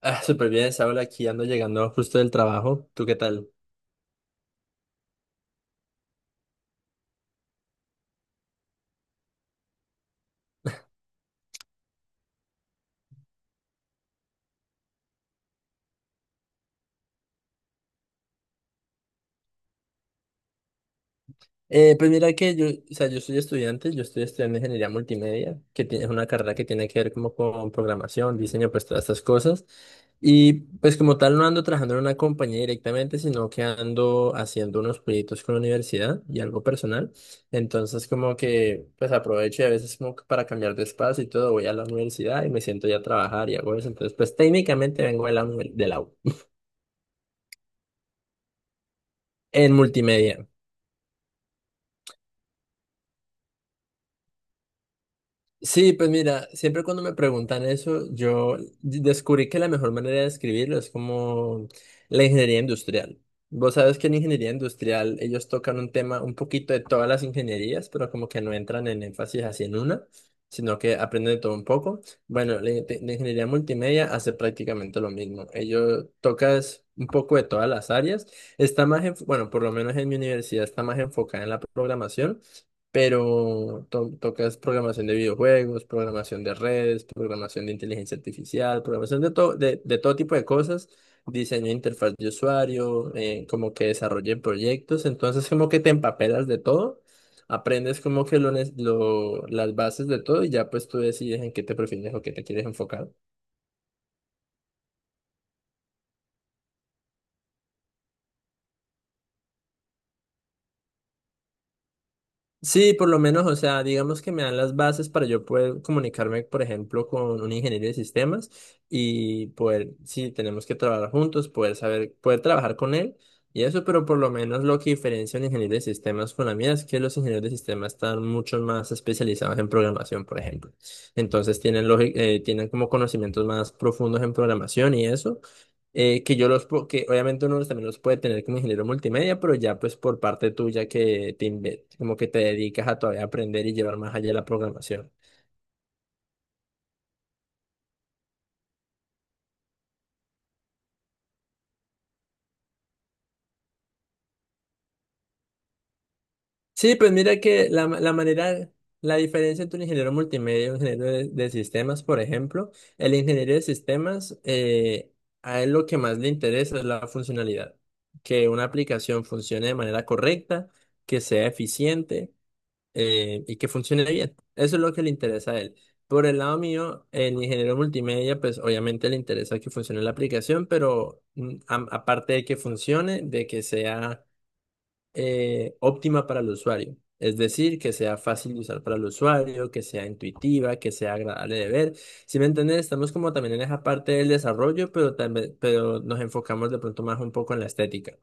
Ah, súper bien, Saúl, aquí ando llegando justo del trabajo. ¿Tú qué tal? Pues mira que yo, o sea, yo soy estudiante, yo estoy estudiando ingeniería multimedia, que tiene, es una carrera que tiene que ver como con programación, diseño, pues todas estas cosas. Y pues como tal no ando trabajando en una compañía directamente, sino que ando haciendo unos proyectos con la universidad y algo personal. Entonces como que pues aprovecho y a veces como que para cambiar de espacio y todo, voy a la universidad y me siento ya a trabajar y hago eso. Entonces pues técnicamente vengo de la, de la U en multimedia. Sí, pues mira, siempre cuando me preguntan eso, yo descubrí que la mejor manera de escribirlo es como la ingeniería industrial. Vos sabes que en ingeniería industrial ellos tocan un tema, un poquito de todas las ingenierías, pero como que no entran en énfasis así en una, sino que aprenden de todo un poco. Bueno, la, la ingeniería multimedia hace prácticamente lo mismo. Ellos tocas un poco de todas las áreas. Está más, bueno, por lo menos en mi universidad está más enfocada en la programación, pero tocas programación de videojuegos, programación de redes, programación de inteligencia artificial, programación de todo tipo de cosas, diseño de interfaz de usuario, como que desarrollen proyectos, entonces como que te empapelas de todo, aprendes como que lo, las bases de todo y ya pues tú decides en qué te prefieres o qué te quieres enfocar. Sí, por lo menos, o sea, digamos que me dan las bases para yo poder comunicarme, por ejemplo, con un ingeniero de sistemas y poder, si tenemos que trabajar juntos, poder saber, poder trabajar con él y eso, pero por lo menos lo que diferencia un ingeniero de sistemas con la mía es que los ingenieros de sistemas están mucho más especializados en programación, por ejemplo. Entonces tienen, tienen como conocimientos más profundos en programación y eso, que yo los, que obviamente uno también los puede tener como ingeniero multimedia, pero ya pues por parte tuya que te, como que te dedicas a todavía aprender y llevar más allá la programación. Sí, pues mira que la, la manera, la diferencia entre un ingeniero multimedia y un ingeniero de sistemas, por ejemplo, el ingeniero de sistemas, a él lo que más le interesa es la funcionalidad, que una aplicación funcione de manera correcta, que sea eficiente, y que funcione bien. Eso es lo que le interesa a él. Por el lado mío, en ingeniero multimedia, pues obviamente le interesa que funcione la aplicación, pero aparte de que funcione, de que sea óptima para el usuario. Es decir, que sea fácil de usar para el usuario, que sea intuitiva, que sea agradable de ver. ¿Si me entiendes? Estamos como también en esa parte del desarrollo, pero también, pero nos enfocamos de pronto más un poco en la estética.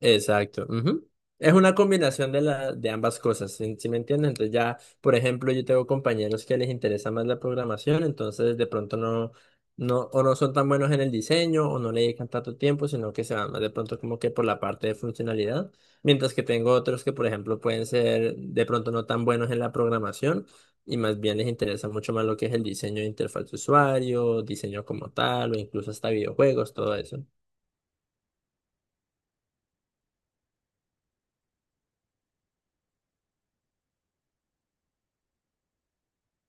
Exacto, ujú. Es una combinación de, la, de ambas cosas, ¿si me entiendes? Entonces ya, por ejemplo, yo tengo compañeros que les interesa más la programación, entonces de pronto no, o no son tan buenos en el diseño, o no le dedican tanto tiempo, sino que se van más de pronto como que por la parte de funcionalidad, mientras que tengo otros que, por ejemplo, pueden ser de pronto no tan buenos en la programación, y más bien les interesa mucho más lo que es el diseño de interfaz de usuario, diseño como tal, o incluso hasta videojuegos, todo eso.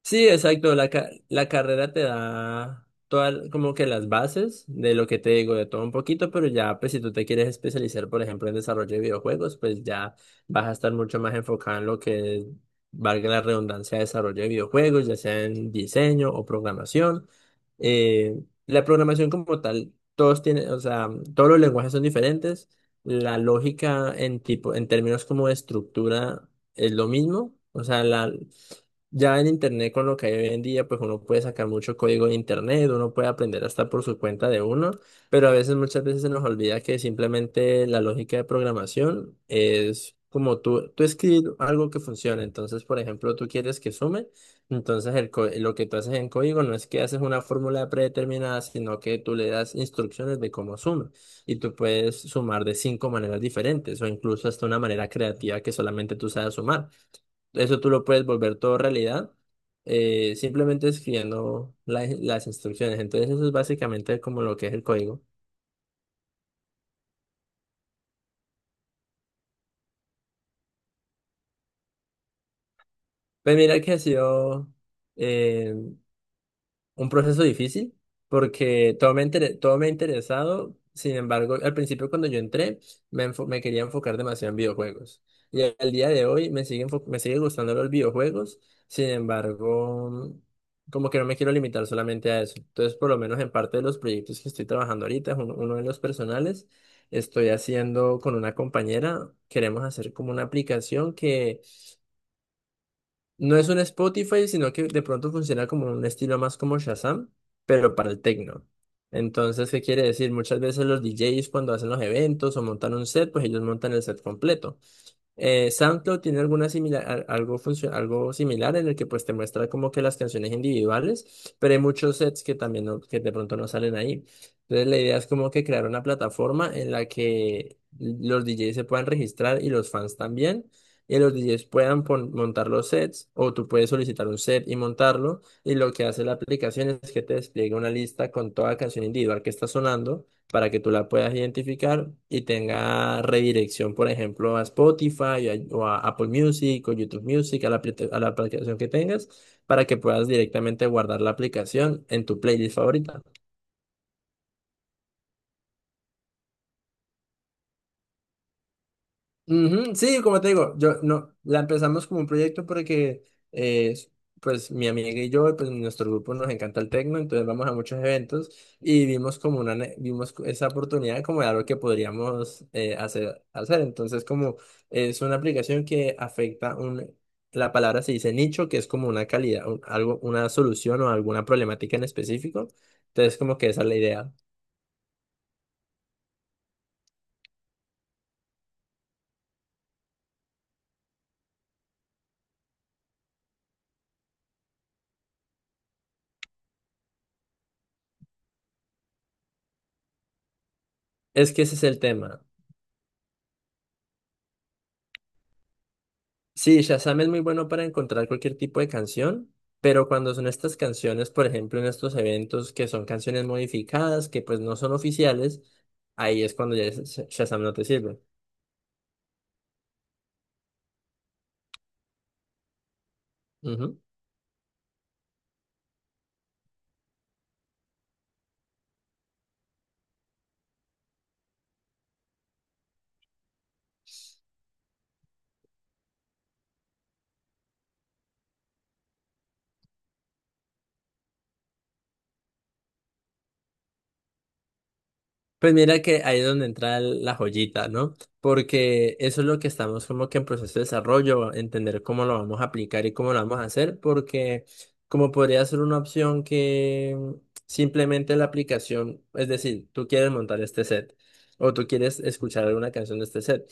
Sí, exacto. La, la carrera te da todas como que las bases de lo que te digo, de todo un poquito, pero ya pues si tú te quieres especializar, por ejemplo, en desarrollo de videojuegos, pues ya vas a estar mucho más enfocado en lo que es, valga la redundancia, desarrollo de videojuegos, ya sea en diseño o programación. Eh, la programación como tal, todos tienen, o sea, todos los lenguajes son diferentes. La lógica en tipo, en términos como de estructura es lo mismo. O sea, la, ya en internet, con lo que hay hoy en día, pues uno puede sacar mucho código de internet, uno puede aprender hasta por su cuenta de uno, pero a veces, muchas veces se nos olvida que simplemente la lógica de programación es como tú escribir algo que funcione. Entonces, por ejemplo, tú quieres que sume, entonces el, lo que tú haces en código no es que haces una fórmula predeterminada, sino que tú le das instrucciones de cómo suma. Y tú puedes sumar de cinco maneras diferentes o incluso hasta una manera creativa que solamente tú sabes sumar. Eso tú lo puedes volver todo realidad, simplemente escribiendo las instrucciones. Entonces eso es básicamente como lo que es el código. Pues mira que ha sido eh, un proceso difícil porque todo me, todo me ha interesado. Sin embargo, al principio cuando yo entré, me, me quería enfocar demasiado en videojuegos. Y al día de hoy me sigue, me sigue gustando los videojuegos. Sin embargo, como que no me quiero limitar solamente a eso. Entonces, por lo menos en parte de los proyectos que estoy trabajando ahorita, es uno, uno de los personales, estoy haciendo con una compañera, queremos hacer como una aplicación, no es un Spotify, sino que de pronto funciona como un estilo más como Shazam, pero para el techno. Entonces, ¿qué quiere decir? Muchas veces los DJs cuando hacen los eventos o montan un set, pues ellos montan el set completo. SoundCloud tiene alguna similar, algo similar en el que pues te muestra como que las canciones individuales, pero hay muchos sets que también que de pronto no salen ahí. Entonces la idea es como que crear una plataforma en la que los DJs se puedan registrar y los fans también, y los DJs puedan montar los sets o tú puedes solicitar un set y montarlo, y lo que hace la aplicación es que te despliega una lista con toda canción individual que está sonando para que tú la puedas identificar y tenga redirección, por ejemplo, a Spotify o a Apple Music o YouTube Music, a la, a la aplicación que tengas, para que puedas directamente guardar la aplicación en tu playlist favorita. Ujú, sí, como te digo, yo no la empezamos como un proyecto porque, eh, pues mi amiga y yo, pues nuestro grupo nos encanta el tecno, entonces vamos a muchos eventos y vimos como una esa oportunidad como de algo que podríamos hacer. Entonces, como es una aplicación que afecta un, la palabra se dice nicho, que es como una calidad, una solución o alguna problemática en específico. Entonces, como que esa es la idea. Es que ese es el tema. Sí, Shazam es muy bueno para encontrar cualquier tipo de canción, pero cuando son estas canciones, por ejemplo, en estos eventos que son canciones modificadas, que pues no son oficiales, ahí es cuando ya Shazam no te sirve. Pues mira que ahí es donde entra la joyita, ¿no? Porque eso es lo que estamos como que en proceso de desarrollo, entender cómo lo vamos a aplicar y cómo lo vamos a hacer, porque como podría ser una opción que simplemente la aplicación, es decir, tú quieres montar este set o tú quieres escuchar alguna canción de este set.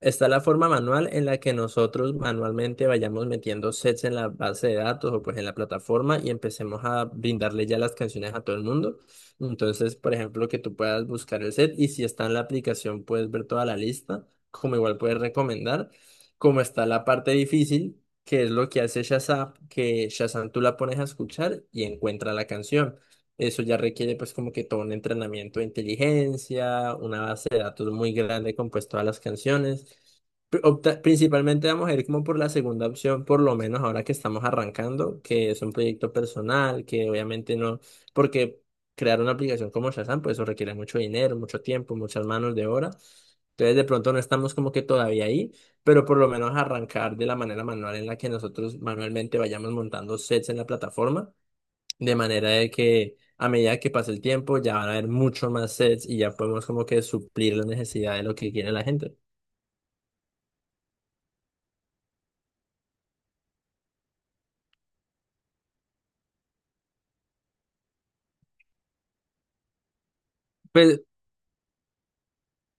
Está la forma manual en la que nosotros manualmente vayamos metiendo sets en la base de datos o pues en la plataforma y empecemos a brindarle ya las canciones a todo el mundo. Entonces, por ejemplo, que tú puedas buscar el set y si está en la aplicación puedes ver toda la lista, como igual puedes recomendar, como está la parte difícil, que es lo que hace Shazam, que Shazam tú la pones a escuchar y encuentra la canción. Eso ya requiere pues como que todo un entrenamiento de inteligencia, una base de datos muy grande con pues todas las canciones. Principalmente vamos a ir como por la segunda opción, por lo menos ahora que estamos arrancando, que es un proyecto personal, que obviamente no, porque crear una aplicación como Shazam, pues eso requiere mucho dinero, mucho tiempo, muchas manos de obra. Entonces, de pronto no estamos como que todavía ahí, pero por lo menos arrancar de la manera manual en la que nosotros manualmente vayamos montando sets en la plataforma, de manera de que a medida que pase el tiempo ya van a haber mucho más sets y ya podemos como que suplir la necesidad de lo que quiere la gente. Pues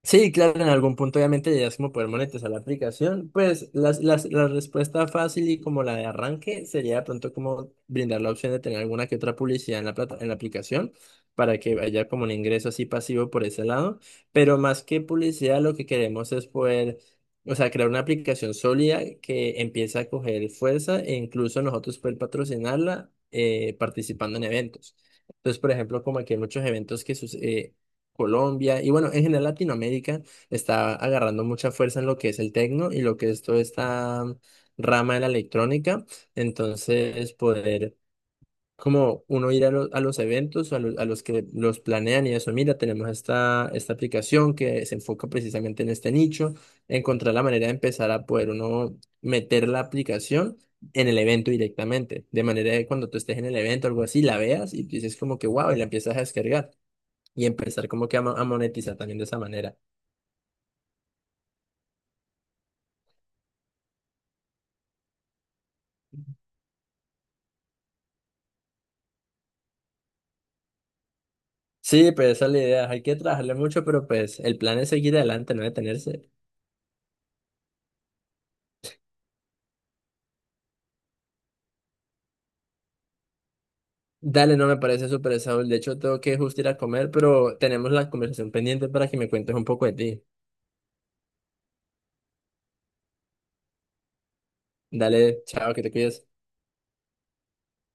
sí, claro, en algún punto obviamente llegas como poder monetizar la aplicación. Pues la respuesta fácil y como la de arranque sería de pronto como brindar la opción de tener alguna que otra publicidad en la plata, en la aplicación para que haya como un ingreso así pasivo por ese lado. Pero más que publicidad, lo que queremos es poder, o sea, crear una aplicación sólida que empiece a coger fuerza e incluso nosotros poder patrocinarla participando en eventos. Entonces, por ejemplo, como aquí hay muchos eventos que suceden Colombia, y bueno, en general Latinoamérica está agarrando mucha fuerza en lo que es el tecno y lo que es toda esta rama de la electrónica. Entonces, poder como uno ir a, a los eventos, a, a los que los planean y eso, mira, tenemos esta, esta aplicación que se enfoca precisamente en este nicho, encontrar la manera de empezar a poder uno meter la aplicación en el evento directamente, de manera que cuando tú estés en el evento o algo así, la veas y dices como que wow, y la empiezas a descargar y empezar como que a, a monetizar también de esa manera. Sí, pues esa es la idea. Hay que trabajarle mucho, pero pues el plan es seguir adelante, no detenerse. Dale, no me parece súper Saúl. De hecho, tengo que justo ir a comer, pero tenemos la conversación pendiente para que me cuentes un poco de ti. Dale, chao, que te cuides.